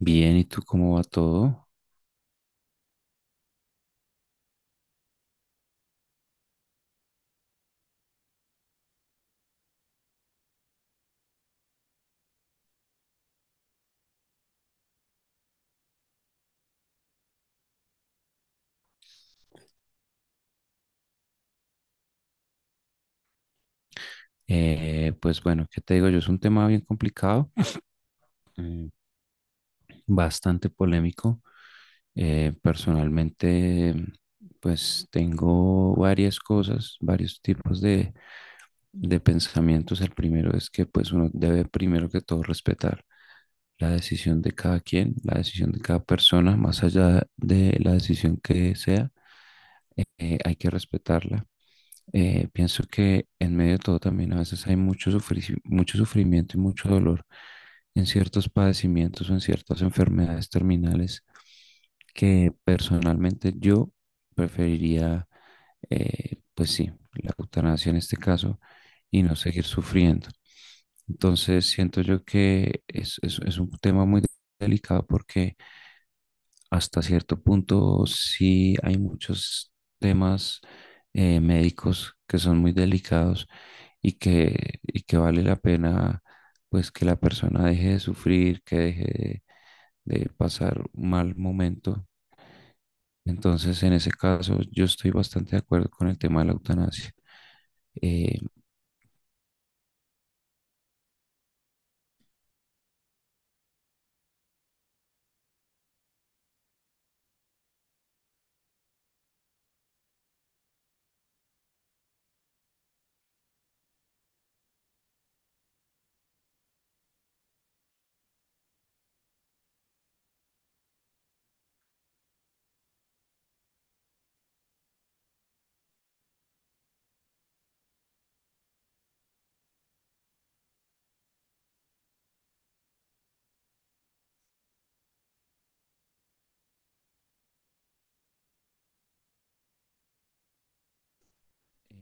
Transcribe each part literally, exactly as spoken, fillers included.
Bien, ¿y tú cómo va todo? Eh, pues bueno, ¿qué te digo yo? Es un tema bien complicado, mm, bastante polémico. Eh, personalmente, pues tengo varias cosas, varios tipos de, de pensamientos. El primero es que pues uno debe primero que todo respetar la decisión de cada quien, la decisión de cada persona, más allá de la decisión que sea, eh, hay que respetarla. Eh, pienso que en medio de todo también a veces hay mucho, sufrici- mucho sufrimiento y mucho dolor en ciertos padecimientos o en ciertas enfermedades terminales que personalmente yo preferiría, eh, pues sí, la eutanasia en este caso y no seguir sufriendo. Entonces siento yo que es, es es un tema muy delicado porque hasta cierto punto sí hay muchos temas eh, médicos que son muy delicados y que, y que vale la pena pues que la persona deje de sufrir, que deje de, de pasar un mal momento. Entonces, en ese caso, yo estoy bastante de acuerdo con el tema de la eutanasia. Eh,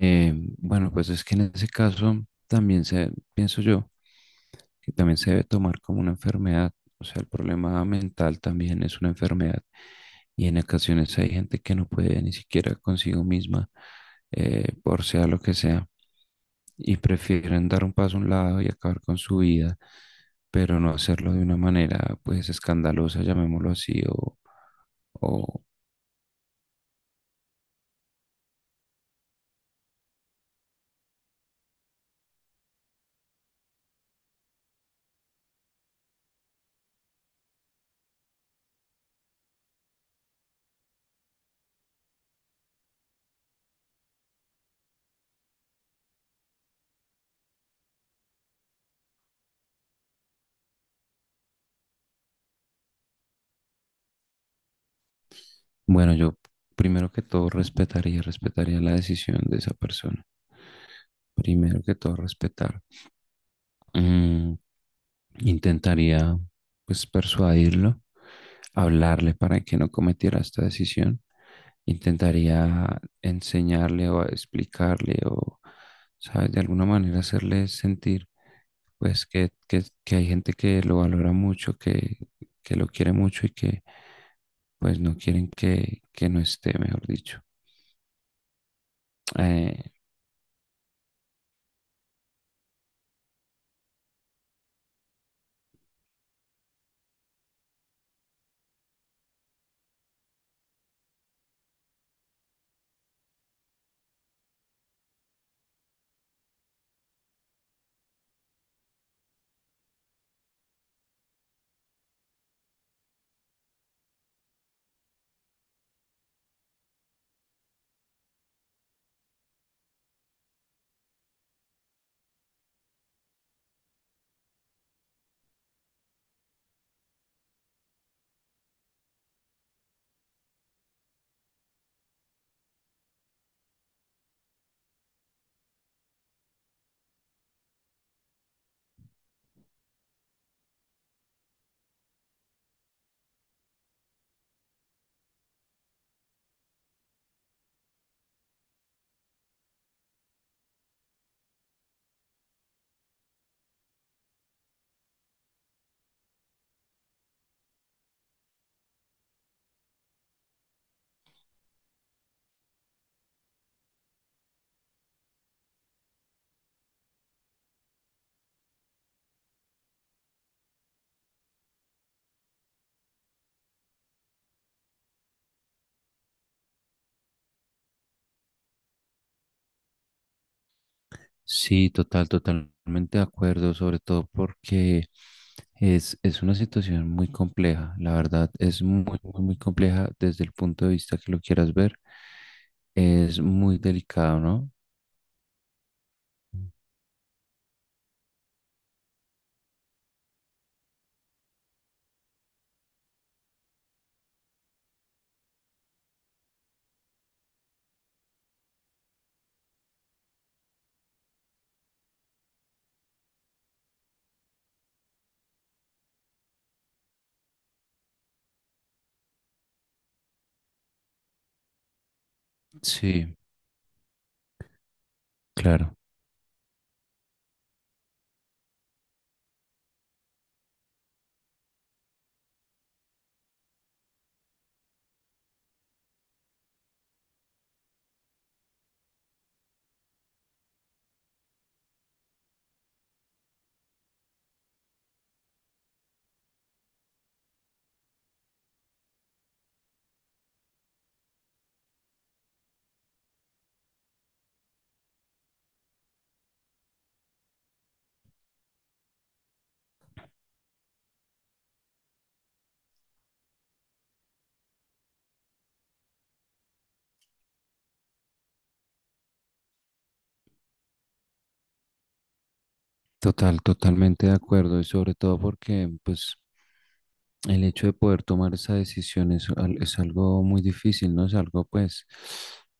eh, bueno, pues es que en ese caso también se, pienso yo, que también se debe tomar como una enfermedad. O sea, el problema mental también es una enfermedad. Y en ocasiones hay gente que no puede ni siquiera consigo misma, eh, por sea lo que sea, y prefieren dar un paso a un lado y acabar con su vida, pero no hacerlo de una manera pues escandalosa, llamémoslo así, o, o bueno, yo primero que todo respetaría, respetaría la decisión de esa persona. Primero que todo respetar. Mm, Intentaría pues persuadirlo, hablarle para que no cometiera esta decisión. Intentaría enseñarle o explicarle o, ¿sabes? De alguna manera hacerle sentir pues que, que- que hay gente que lo valora mucho, que, que lo quiere mucho y que pues no quieren que, que no esté, mejor dicho. Eh, Sí, total, totalmente de acuerdo, sobre todo porque es, es una situación muy compleja, la verdad, es muy, muy, muy compleja desde el punto de vista que lo quieras ver, es muy delicado, ¿no? Sí, claro. Total, totalmente de acuerdo y sobre todo porque pues el hecho de poder tomar esa decisión es, al- es algo muy difícil, ¿no? Es algo pues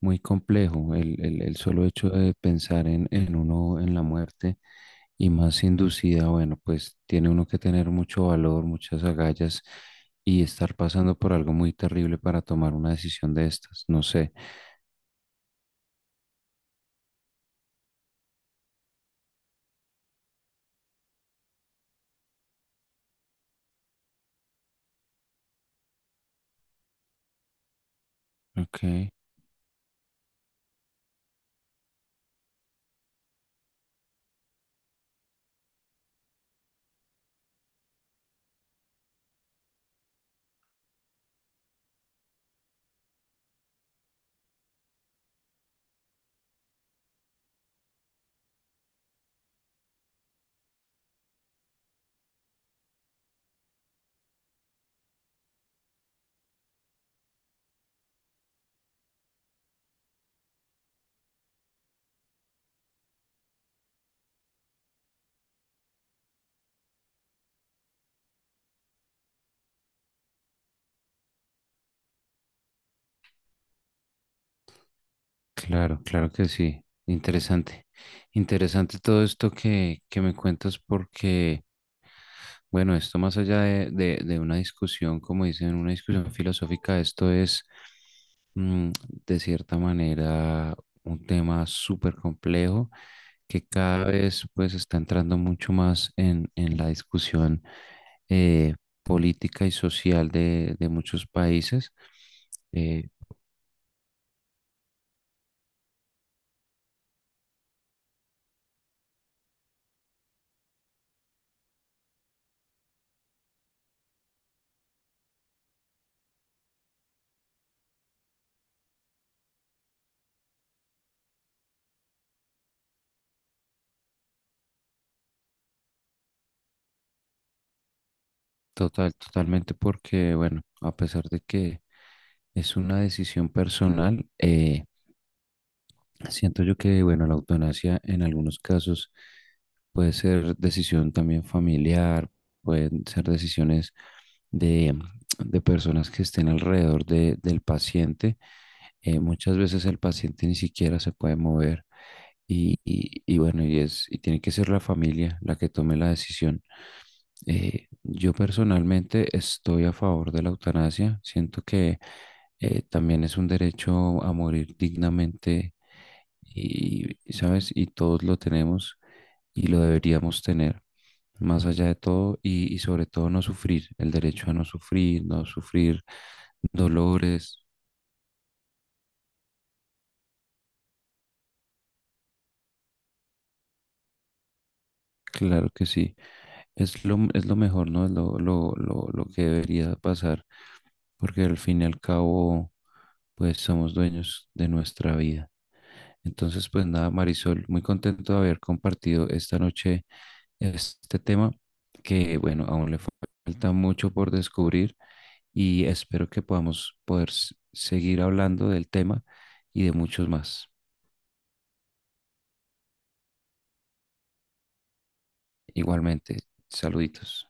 muy complejo, el, el, el solo hecho de pensar en, en uno, en la muerte y más inducida, bueno, pues tiene uno que tener mucho valor, muchas agallas y estar pasando por algo muy terrible para tomar una decisión de estas, no sé. Ok. Claro, claro que sí. Interesante. Interesante todo esto que, que me cuentas porque, bueno, esto más allá de, de- de una discusión, como dicen, una discusión filosófica, esto es, mm, de cierta manera, un tema súper complejo que cada vez pues está entrando mucho más en, en la discusión eh, política y social de, de muchos países. Eh, total, Totalmente porque, bueno, a pesar de que es una decisión personal. Eh, siento yo que, bueno, la eutanasia en algunos casos puede ser decisión también familiar, pueden ser decisiones de, de personas que estén alrededor de- del paciente. Eh, muchas veces el paciente ni siquiera se puede mover y, y- y bueno, y es, y tiene que ser la familia la que tome la decisión. Eh, yo personalmente estoy a favor de la eutanasia. Siento que eh, también es un derecho a morir dignamente y, ¿sabes? Y todos lo tenemos y lo deberíamos tener, más allá de todo y, y sobre todo no sufrir, el derecho a no sufrir, no sufrir dolores. Claro que sí. Es lo, es lo mejor, ¿no? Es lo, lo, lo, lo que debería pasar, porque al fin y al cabo, pues somos dueños de nuestra vida. Entonces, pues nada, Marisol, muy contento de haber compartido esta noche este tema, que bueno, aún le falta mucho por descubrir y espero que podamos poder s- seguir hablando del tema y de muchos más. Igualmente, saluditos.